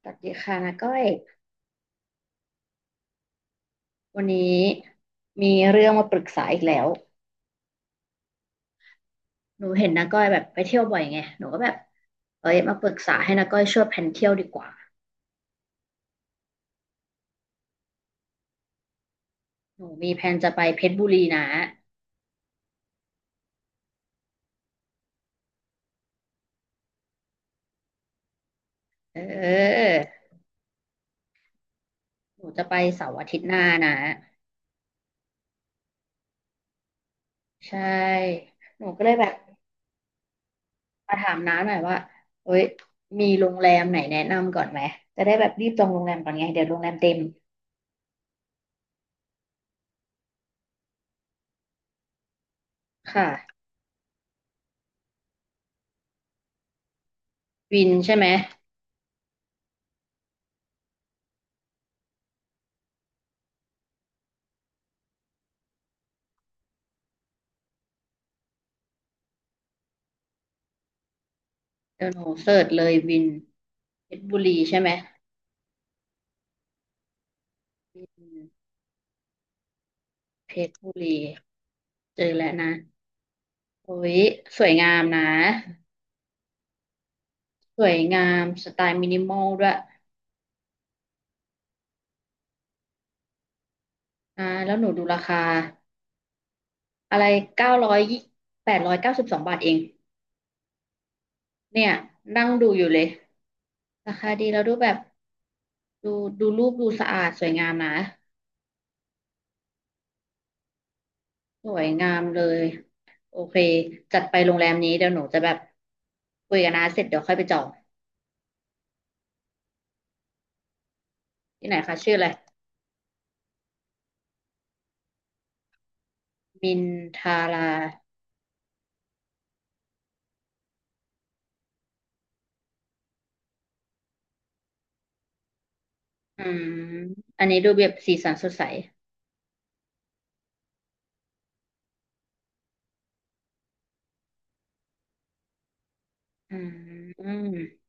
สวัสดีค่ะนาก้อยวันนี้มีเรื่องมาปรึกษาอีกแล้วหนูเห็นนาก้อยแบบไปเที่ยวบ่อยไงหนูก็แบบเอ้ยมาปรึกษาให้นาก้อยช่วยแผนเที่ยวดีกว่าหนูมีแผนจะไปเพชรบุรีนะเออหนูจะไปเสาร์อาทิตย์หน้านะใช่หนูก็เลยแบบมาถามน้าหน่อยว่าเอ้ยมีโรงแรมไหนแนะนำก่อนไหมจะได้แบบรีบจองโรงแรมก่อนไงเดี๋ยวโรงแรมเต็มค่ะวินใช่ไหมเดี๋ยวหนูเสิร์ชเลยวินเพชรบุรีใช่ไหมอืม เพชรบุรีเจอแล้วนะโอ้ยสวยงามนะสวยงามสไตล์มินิมอลด้วยอ่าแล้วหนูดูราคาอะไร900892 บาทเองเนี่ยนั่งดูอยู่เลยราคาดีแล้วดูแบบดูรูปดูสะอาดสวยงามนะสวยงามเลยโอเคจัดไปโรงแรมนี้เดี๋ยวหนูจะแบบคุยกับน้าเสร็จเดี๋ยวค่อยไปจองที่ไหนคะชื่ออะไรมินทาราอืมอันนี้ดูแบบสีสันสดใส อืม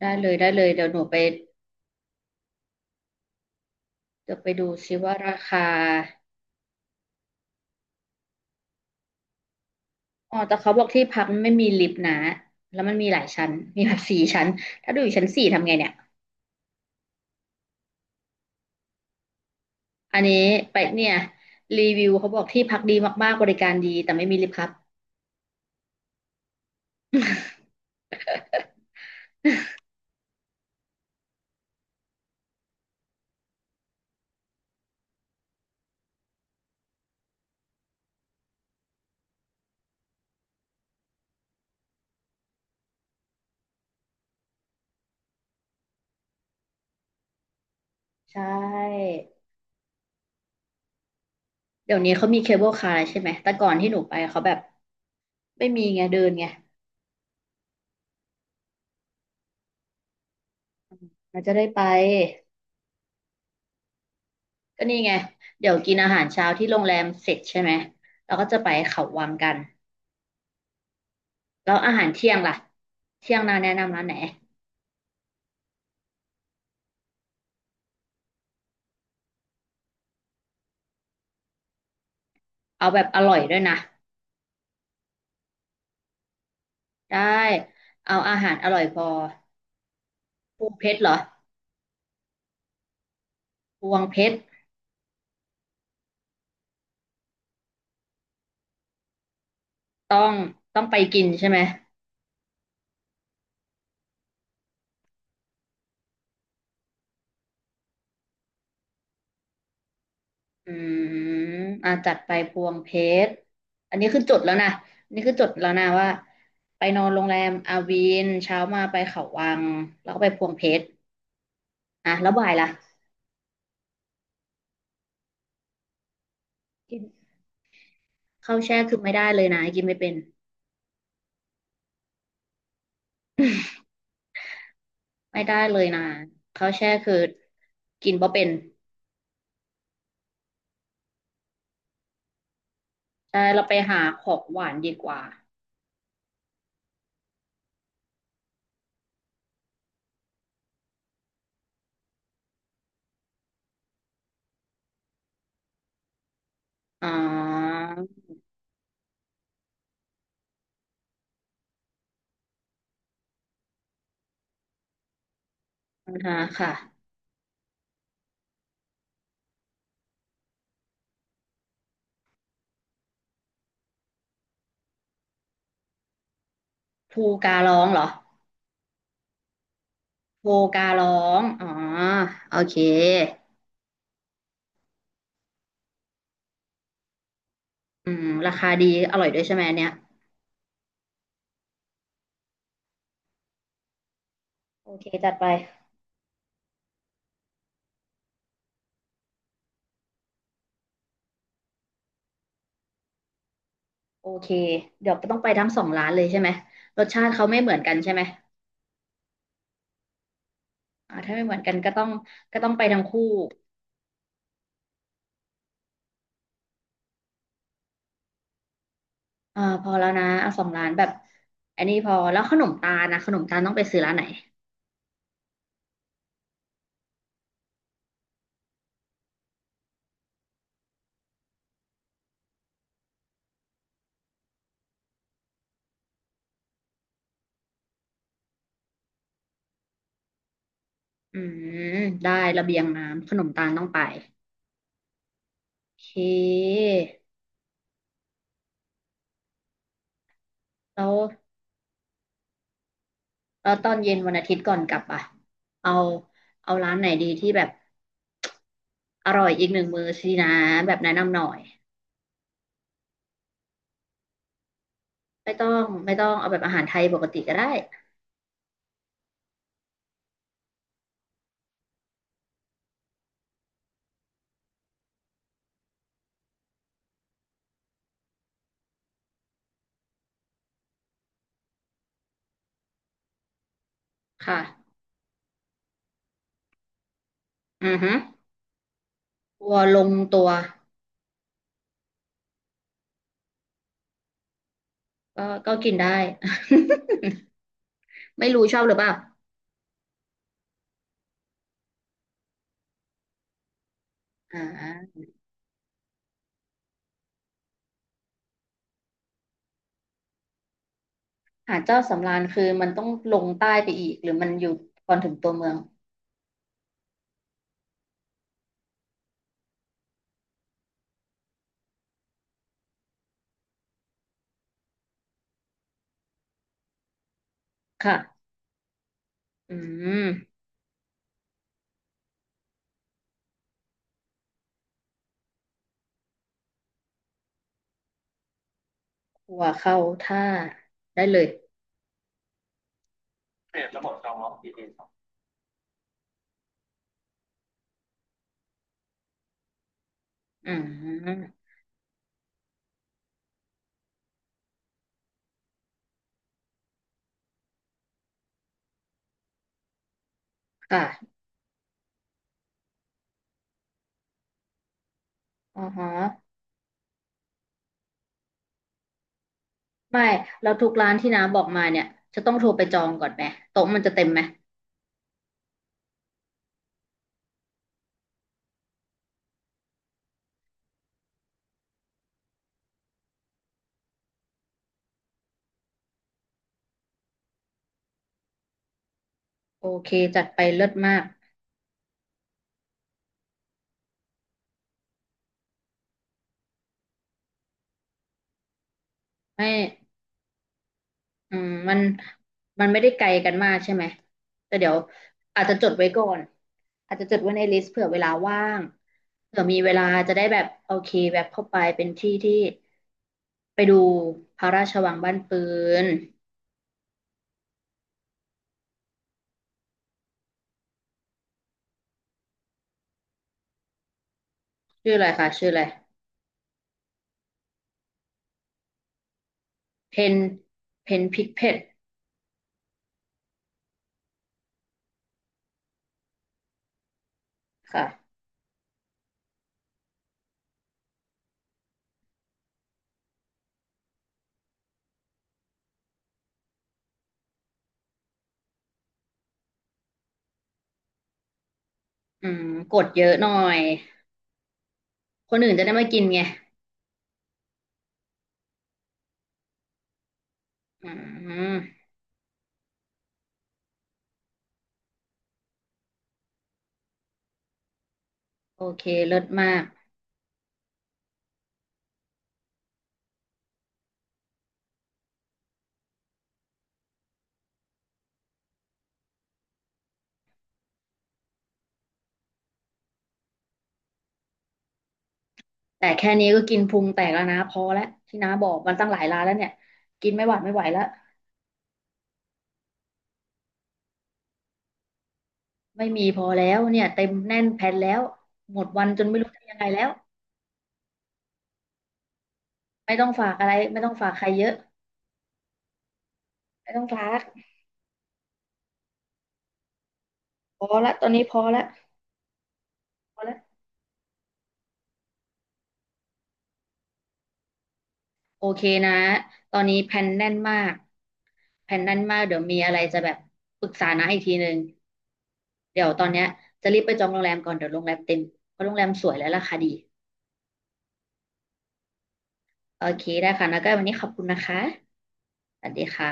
ได้เลยได้เลยเดี๋ยวหนูไปเดี๋ยวไปดูซิว่าราคาอ๋อแต่เขาบอกที่พักไม่มีลิฟต์นะแล้วมันมีหลายชั้นมีแบบ4 ชั้นถ้าดูอยู่ชั้น 4ทำไงเนี่ยอันนี้ไปเนี่ยรีวิวเขาบอกที่พักดีมากๆบริการดีแต่ไม่มีลิฟต์ครับใช่เดี๋ยวนี้เขามีเคเบิลคาร์ใช่ไหมแต่ก่อนที่หนูไปเขาแบบไม่มีไงเดินไงมันจะได้ไปก็นี่ไงเดี๋ยวกินอาหารเช้าที่โรงแรมเสร็จใช่ไหมเราก็จะไปเขาวังกัน แล้วอาหารเที่ยงล่ะเที่ยงนาแนะนำร้านไหนเอาแบบอร่อยด้วยนะได้เอาอาหารอร่อยพอพวงเพชรเหรอพวงเพชรต้องไปกินใช่ไหมอืมอ่าจัดไปพวงเพชรอันนี้คือจดแล้วนะอันนี่คือจดแล้วนะว่าไปนอนโรงแรมอาวีนเช้ามาไปเขาวังแล้วก็ไปพวงเพชรอ่ะแล้วบ่ายล่ะกินข้าวแช่คือไม่ได้เลยนะกินไม่เป็นไม่ได้เลยนะข้าวแช่คือกินบ่เป็น ใช่เราไปหาของหวานดีกว่าอ๋อนะคะค่ะภูการร้องเหรอภูการร้องอ๋อโอเคอืมราคาดีอร่อยด้วยใช่ไหมอันเนี้ยโอเคจัดไปโอเคเดี๋ยวต้องไปทั้งสองร้านเลยใช่ไหมรสชาติเขาไม่เหมือนกันใช่ไหมอ่าถ้าไม่เหมือนกันก็ต้องก็ต้องไปทั้งคู่อ่าพอแล้วนะเอาสองร้านแบบอันนี้พอแล้วขนมตาลนะขนมตาลต้องไปซื้อร้านไหนอืมได้ระเบียงน้ำขนมตาลต้องไปโอเค แล้วตอนเย็นวันอาทิตย์ก่อนกลับอ่ะเอาร้านไหนดีที่แบบอร่อยอีก1 มื้อสินะแบบแนะนำหน่อยไม่ต้องไม่ต้องเอาแบบอาหารไทยปกติก็ได้ค่ะอือฮึวัวลงตัวก็กินได้ ไม่รู้ชอบหรือเปล่าอ่าหาดเจ้าสำราญคือมันต้องลงใต้ไปอีกหรือมันอยู่ก่อนถึงตัวเมืองค่ะอืมหัวเข้าท่าได้เลยอืมค่ะอ๋อฮะ ไม่เราทุกร้านที่น้าบอกมาเนี่ยจะต้องโทรไปจองก่อนไหมโต๊ะมันจะเต็มไหมโอเคจัดไปเลิศมากไม่อืมมันไม่ได้ไกลกันมากใช่ไหมแต่เดี๋ยวอาจจะจดไว้ก่อนอาจจะจดไว้ในลิสต์เผื่อเวลาว่างเผื่อมีเวลาจะได้แบบโอเคแบบเข้าไปเป็นที่ที่ไปดูพระราชวังบ้านปืนชื่ออะไรคะชื่ออะไรเพนเพนพิกเพดค่ะอืมกดเยอะหน่อยคนอื่นจะได้มากินไง อืมโอเคเลิศมากแต่แค่นี้ก็กินพุงแตกแล้วนะพอแล้วที่น้าบอกมันตั้งหลายร้านแล้วเนี่ยกินไม่หวาดไม่ไหวแล้วไม่มีพอแล้วเนี่ยเต็มแน่นแผ่นแล้วหมดวันจนไม่รู้จะยังไงแล้วไม่ต้องฝากอะไรไม่ต้องฝากใครเยอะไม่ต้องฝากพอละตอนนี้พอละพอละโอเคนะตอนนี้แผ่นแน่นมากแผ่นแน่นมากเดี๋ยวมีอะไรจะแบบปรึกษานะอีกที 1เดี๋ยวตอนเนี้ยจะรีบไปจองโรงแรมก่อนเดี๋ยวโรงแรมเต็มเพราะโรงแรมสวยและราคาดี โอเคได้ค่ะแล้วก็วันนี้ขอบคุณนะคะ สวัสดีค่ะ